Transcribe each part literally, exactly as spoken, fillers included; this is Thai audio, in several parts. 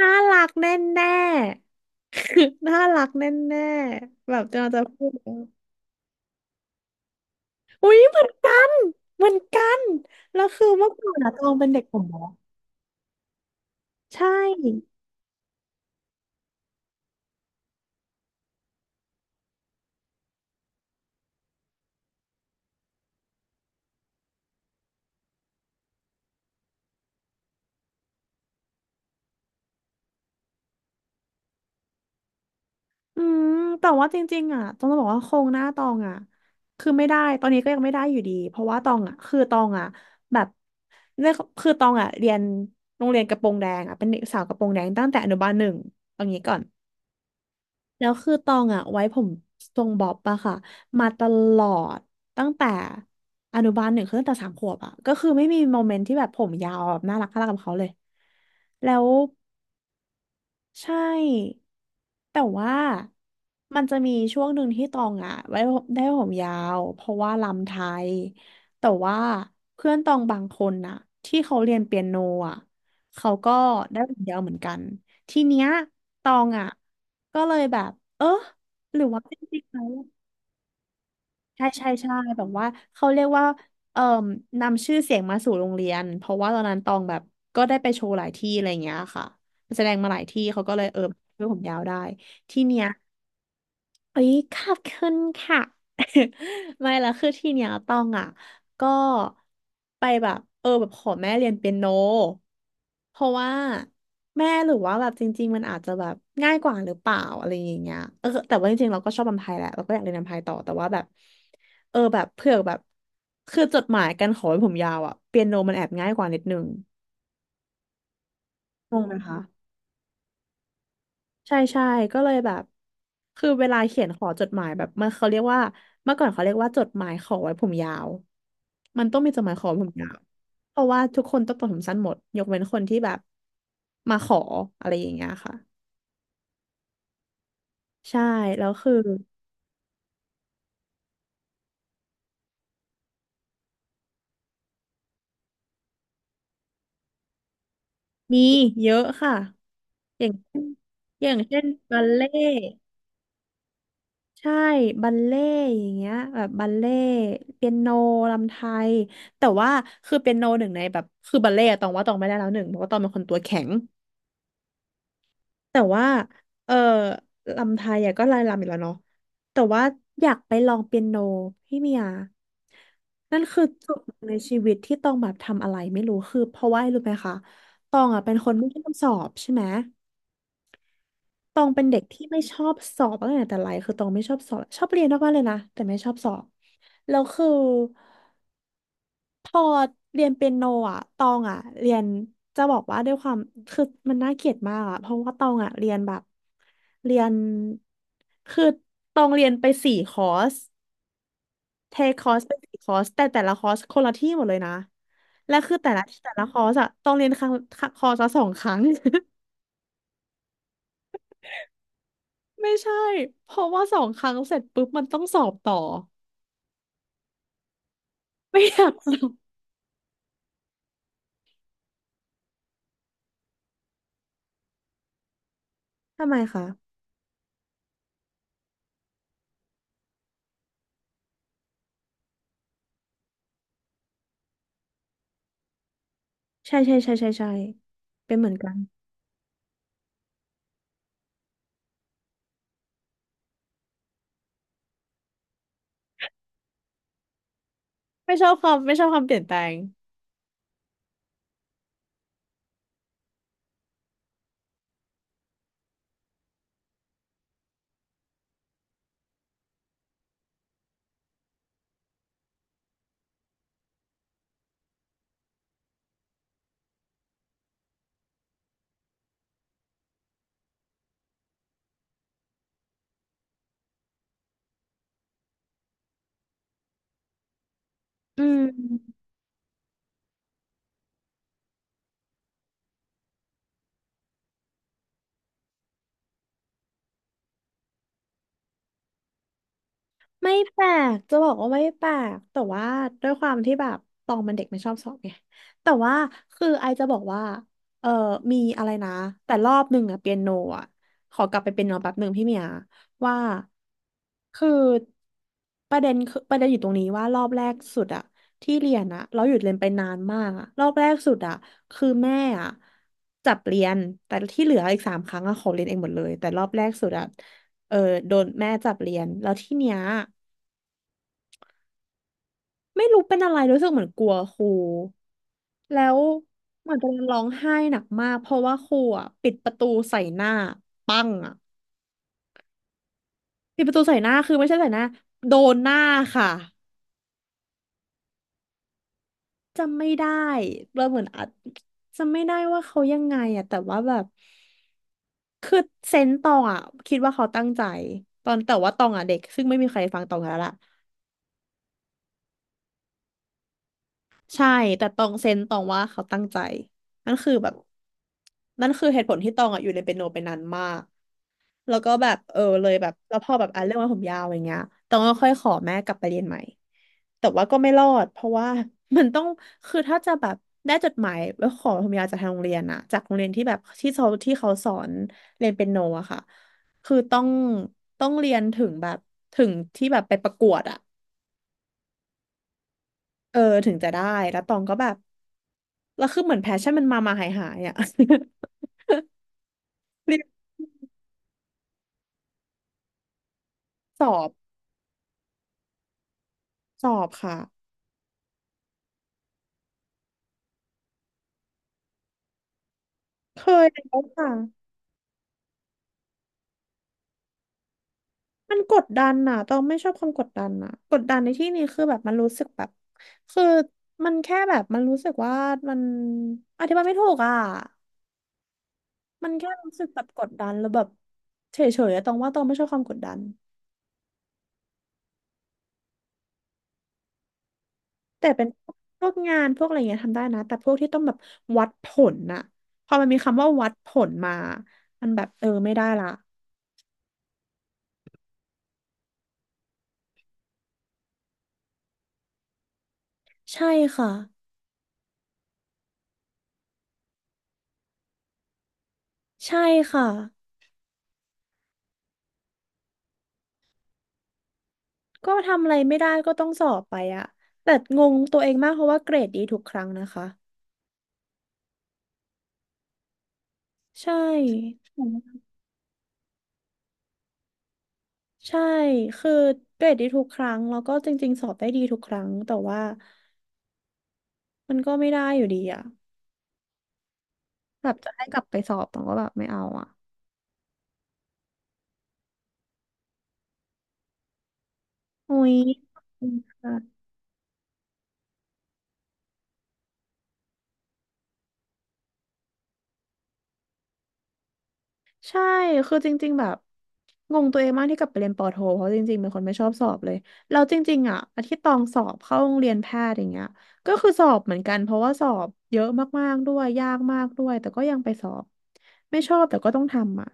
น่ารักแน่แน่ น่ารักแน่แน่แบบจะจะพูดเอออุ้ยเหมือนกันเหมือนกัน แล้วคือเมื่อก่อนอะตองเป็นเด็กผมบ๊อบใช่อืมแต่ว่าจริงๆอ่ะต้องบอกว่าโครงหน้าตองอ่ะคือไม่ได้ตอนนี้ก็ยังไม่ได้อยู่ดี เพราะว่าตองอ่ะคือตองอ่ะแบบเนี่ยคือตองอ่ะเรียนโรงเรียนกระโปรงแดงอ่ะเป็นเด็กสาวกระโปรงแดงตั้งแต่อนุบาลหนึ่งเอางี้ก่อน แล้วคือตองอะไว้ผมทรงบ๊อบอะค่ะมาตลอดตั้งแต่อนุบาลหนึ่งคือตั้งแต่สามขวบอะก็คือไม่มีโมเมนต์ที่แบบผมยาวแบบน่ารักน่ารักกับเขาเลยแล้ว ใช่แต่ว่ามันจะมีช่วงหนึ่งที่ตองอ่ะไว้ผมได้ผมยาวเพราะว่าลำไทยแต่ว่าเพื่อนตองบางคนน่ะที่เขาเรียนเปียโนอ่ะเขาก็ได้ผมยาวเหมือนกันทีเนี้ยตองอ่ะก็เลยแบบเออหรือว่าจริงๆแล้ว ใช่ใช่ใช่แบบว่าเขาเรียกว่าเอ่มนำชื่อเสียงมาสู่โรงเรียนเพราะว่าตอนนั้นตองแบบก็ได้ไปโชว์หลายที่อะไรอย่างเงี้ยค่ะแสดงมาหลายที่เขาก็เลยเออช่วยผมยาวได้ที่เนี้ย เอ้ยขอบคุณค่ะ ไม่ละคือที่เนี้ยต้องอ่ะก็ไปแบบเออแบบขอแม่เรียนเปียโนเพราะว่าแม่หรือว่าแบบจริงๆมันอาจจะแบบง่ายกว่าหรือเปล่าอะไรอย่างเงี้ยเออแต่ว่าจริงๆเราก็ชอบรำไทยแหละเราก็อยากเรียนรำไทยต่อแต่ว่าแบบเออแบบเผื่อแบบคือจดหมายการขอให้ผมยาวอ่ะเปียโนมันแอบง่ายกว่านิดนึงงงไหมคะ ใช่ใช่ก็เลยแบบคือเวลาเขียนขอจดหมายแบบมันเขาเรียกว่าเมื่อก่อนเขาเรียกว่าจดหมายขอไว้ผมยาวมันต้องมีจดหมายขอไว้ผมยาวเพราะว่าทุกคนต้องตัดผมสั้นหมดยกเว้นคนที่แบบมาขออะไรอย่างเงี้ยค่ะใช่แล้วคือมีเยอะค่ะอย่างเช่นอย่างเช่นบัลเล่ต์ ใช่บัลเล่ต์อย่างเงี้ยแบบบัลเล่ต์เปียโนรำไทยแต่ว่าคือเปียโนหนึ่งในแบบคือบัลเล่ต์อะตองว่าตองไม่ได้แล้วหนึ่งเพราะว่าตองเป็นคนตัวแข็งแต่ว่าเออรำไทยอะก็ลายรำอีก่แล้วเนาะแต่ว่าอยากไปลองเปียโนพี่เมียนั่นคือจุดหนึ่งในชีวิตที่ตองแบบทำอะไรไม่รู้คือเพราะว่ารู้ไหมคะตองอะเป็นคนไม่ชอบสอบใช่ไหม ตองเป็นเด็กที่ไม่ชอบสอบตั้งแต่แต่ไรคือตองไม่ชอบสอบชอบเรียนมากๆเลยนะแต่ไม่ชอบสอบแล้วคือพอเรียนเปียโนอ่ะตองอ่ะเรียนจะบอกว่าด้วยความคือมันน่าเกลียดมากอ่ะเพราะว่าตองอ่ะเรียนแบบเรียนคือตองเรียนไปสี่คอร์สเทคคอร์สไปสี่คอร์สแต่แต่ละคอร์สคนละที่หมดเลยนะและคือแต่ละแต่ละคอร์สอะต้องเรียนครั้งคอร์สละสองครั้ง ไม่ใช่เพราะว่าสองครั้งเสร็จปุ๊บมันต้องสอบต่อ ไม่อยากรู้ทำไมคะใช่ใช่ใช่ใช่ใช่เป็นเหมือนกัน ไม่ชอบความไม่ชอบความเปลี่ยนแปลงอืม ไม่แปลกจะบอกว่าไม่แปลกแต่ว่าด้วยความที่แบบตองมันเด็กไม่ชอบสอบไงแต่ว่าคือไอจะบอกว่าเออมีอะไรนะแต่รอบหนึ่งอะเปียโนอะขอกลับไปเปียโนแป๊บหนึ่งพี่เมียว่าคือประเด็นคือประเด็นอยู่ตรงนี้ว่ารอบแรกสุดอะที่เรียนอะเราหยุดเรียนไปนานมากอะรอบแรกสุดอะคือแม่อะจับเรียนแต่ที่เหลืออีกสามครั้งอะขอเรียนเองหมดเลยแต่รอบแรกสุดอะเออโดนแม่จับเรียนแล้วที่เนี้ย ไม่รู้เป็นอะไรรู้สึกเหมือนกลัวครูแล้วเหมือนกำลังร้องไห้หนักมากเพราะว่าครูอ่ะปิดประตูใส่หน้าปังอ่ะปิดประตูใส่หน้าคือไม่ใช่ใส่หน้าโดนหน้าค่ะจำไม่ได้เราเหมือนอาจจำไม่ได้ว่าเขายังไงอ่ะแต่ว่าแบบคือเซนส์ตองอ่ะคิดว่าเขาตั้งใจตอนแต่ว่าตองอ่ะเด็กซึ่งไม่มีใครฟังตองแล้วล่ะใช่แต่ตองเซนส์ตองว่าเขาตั้งใจนั่นคือแบบนั่นคือเหตุผลที่ตองอ่ะอยู่ในเปียโนไปนานมาก แล้วก็แบบเออเลยแบบแล้วพอแบบอ่ะเรื่องไวาผมยาวอย่างเงี้ยต้องก็ค่อยขอแม่กลับไปเรียนใหม่แต่ว่าก็ไม่รอดเพราะว่า มันต้องคือถ้าจะแบบได้จดหมายวว้ขอผมยาวจากทางโรงเรียนอะจากโรงเรียนที่แบบที่เขาที่เขาสอนเรียนเปียโนอะค่ะคือต้องต้องเรียนถึงแบบถึงที่แบบไปประกวดอะเออถึงจะได้แล้วตองก็แบบแล้วคือเหมือนแพชชั่นมันมามาหายหายอะ เรียนสอบสอบค่ะเคยแล้วค่ะ มันกดดันน่ะต้องไม่ชอบความกดดันน่ะกดดันในที่นี้คือแบบมันรู้สึกแบบคือมันแค่แบบมันรู้สึกว่ามันอธิบายไม่ถูกอ่ะมันแค่รู้สึกแบบกดดันแล้วแบบเฉยๆอะต้องว่าต้องไม่ชอบความกดดันแต่เป็นพวกงานพวกอะไรเงี้ยทำได้นะแต่พวกที่ต้องแบบวัดผลน่ะพอมันมีคำว่าวัดผลมามันแบบเออไม่ได้ละใช่ค่ะ ใช่ค่ะ ก็ทำอะไรไม่ได้ก็ต้องสอบไปอะแต่งงตัวเองมากเพราะว่าเกรดดีทุกครั้งนะคะ ใช่ใช่คือเกรดดีทุกครั้งแล้วก็จริงๆสอบได้ดีทุกครั้งแต่ว่ามันก็ไม่ได้อยู่ดีอะแบบจะให้กลับไปสอบต้องก็แบบไม่เอาอะโอ้ยขอบคุณค่ะใช่คือจริงๆแบบงงตัวเองมากที่กลับไปเรียนปอโทเพราะจริงๆเป็นคนไม่ชอบสอบเลยแล้วจริงๆอะอาที่ตองสอบเข้าโรงเรียนแพทย์อย่างเงี้ยก็คือสอบเหมือนกันเพราะว่าสอบเยอะมากๆด้วยยากมากด้วยแต่ก็ยังไปสอบไม่ชอบแต่ก็ต้องทำอะ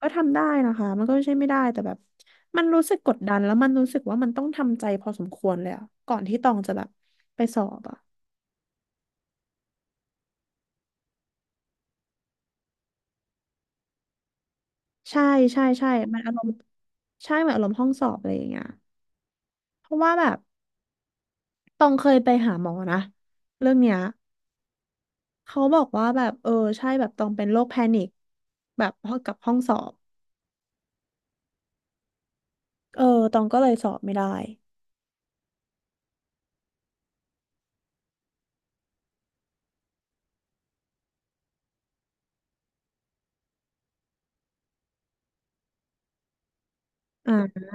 ก็ทำได้นะคะมันก็ไม่ใช่ไม่ได้แต่แบบมันรู้สึกกดดันแล้วมันรู้สึกว่ามันต้องทำใจพอสมควรเลยอะก่อนที่ตองจะแบบไปสอบอะใช่ใช่ใช่มันอารมณ์ใช่เหมือนอารมณ์ห้องสอบอะไรอย่างเงี้ยเพราะว่าแบบตองเคยไปหาหมอนะเรื่องเนี้ยเขาบอกว่าแบบเออใช่แบบตองเป็นโรคแพนิคแบบพอกับห้องสอบเออตองก็เลยสอบไม่ได้อ่า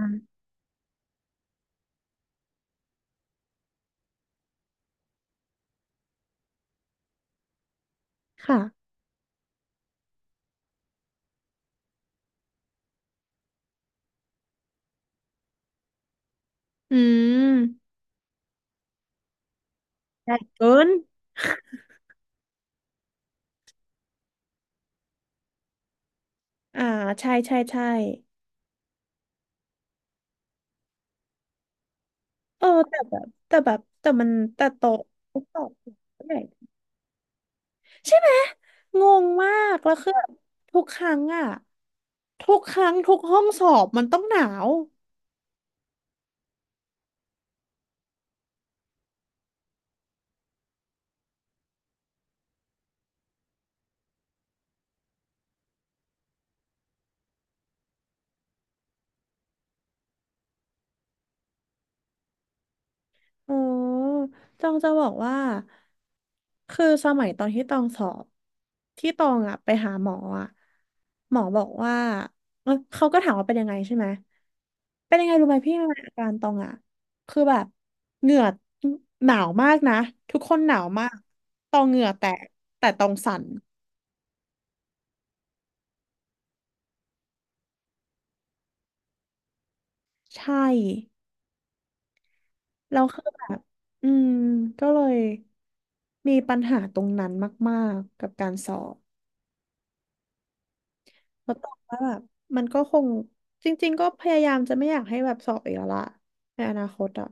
ค่ะอืมได่เกินอ่าใช่ใช่ใช่ เออแต่แบบแต่แบบแต่มันแต่โต๊ะทุกโต๊ะใหญ่ใช่ไหมงงมากแล้วคือแบบทุกครั้งอะทุกครั้งทุกห้องสอบมันต้องหนาว อ๋อตองจะบอกว่า คือสมัยตอนที่ตองสอบ ที่ตองอะไปหาหมออะหมอบอกว่าเอ้ยเขาก็ถามว่าเป็นยังไงใช่ไหม เป็นยังไงรู้ไหมพี่มันอาการตองอะคือแบบเหงื่อหนาวมากนะทุกคนหนาวมากตองเหงื่อแตกแต่ตองสั่นใช่แล้วคือแบบอืมก็เลยมีปัญหาตรงนั้นมากๆกับการสอบ เราตอบว่าแบบมันก็คงจริงๆก็พยายามจะไม่อยากให้แบบสอบอีกแล้วล่ะในอนาคตอ่ะ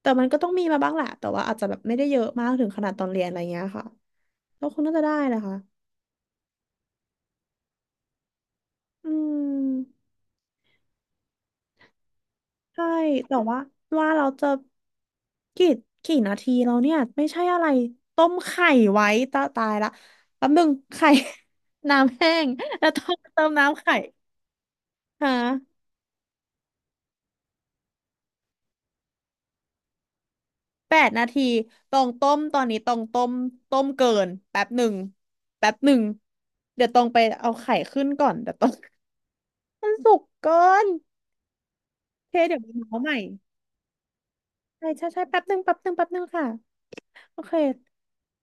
แต่มันก็ต้องมีมาบ้างแหละแต่ว่าอาจจะแบบไม่ได้เยอะมากถึงขนาดตอนเรียนอะไรเงี้ยค่ะก็คงน่าจะได้แหละค่ะอืมใช่แต่ว่าว่าเราจะกี่กี่นาทีแล้วเนี่ยไม่ใช่อะไรต้มไข่ไว้ตาตายละแป๊บนึงไข่ น้ำแห้งแล้วต้องเติมน้ำไข่ฮะ แปดนาทีตองต้มตอนนี้ตองต้มต้มเกินแป๊บหนึ่งแป๊บหนึ่งเดี๋ยวตองไปเอาไข่ขึ้นก่อนเดี๋ยวตอง มันสุกเกินโอเคเดี๋ยวมาเอาใหม่ใช่ใช่ใช่แป๊บหนึ่งแป๊บหนึ่งแป๊บหนึ่งค่ะโอเค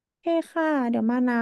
โอเคค่ะเดี๋ยวมานะ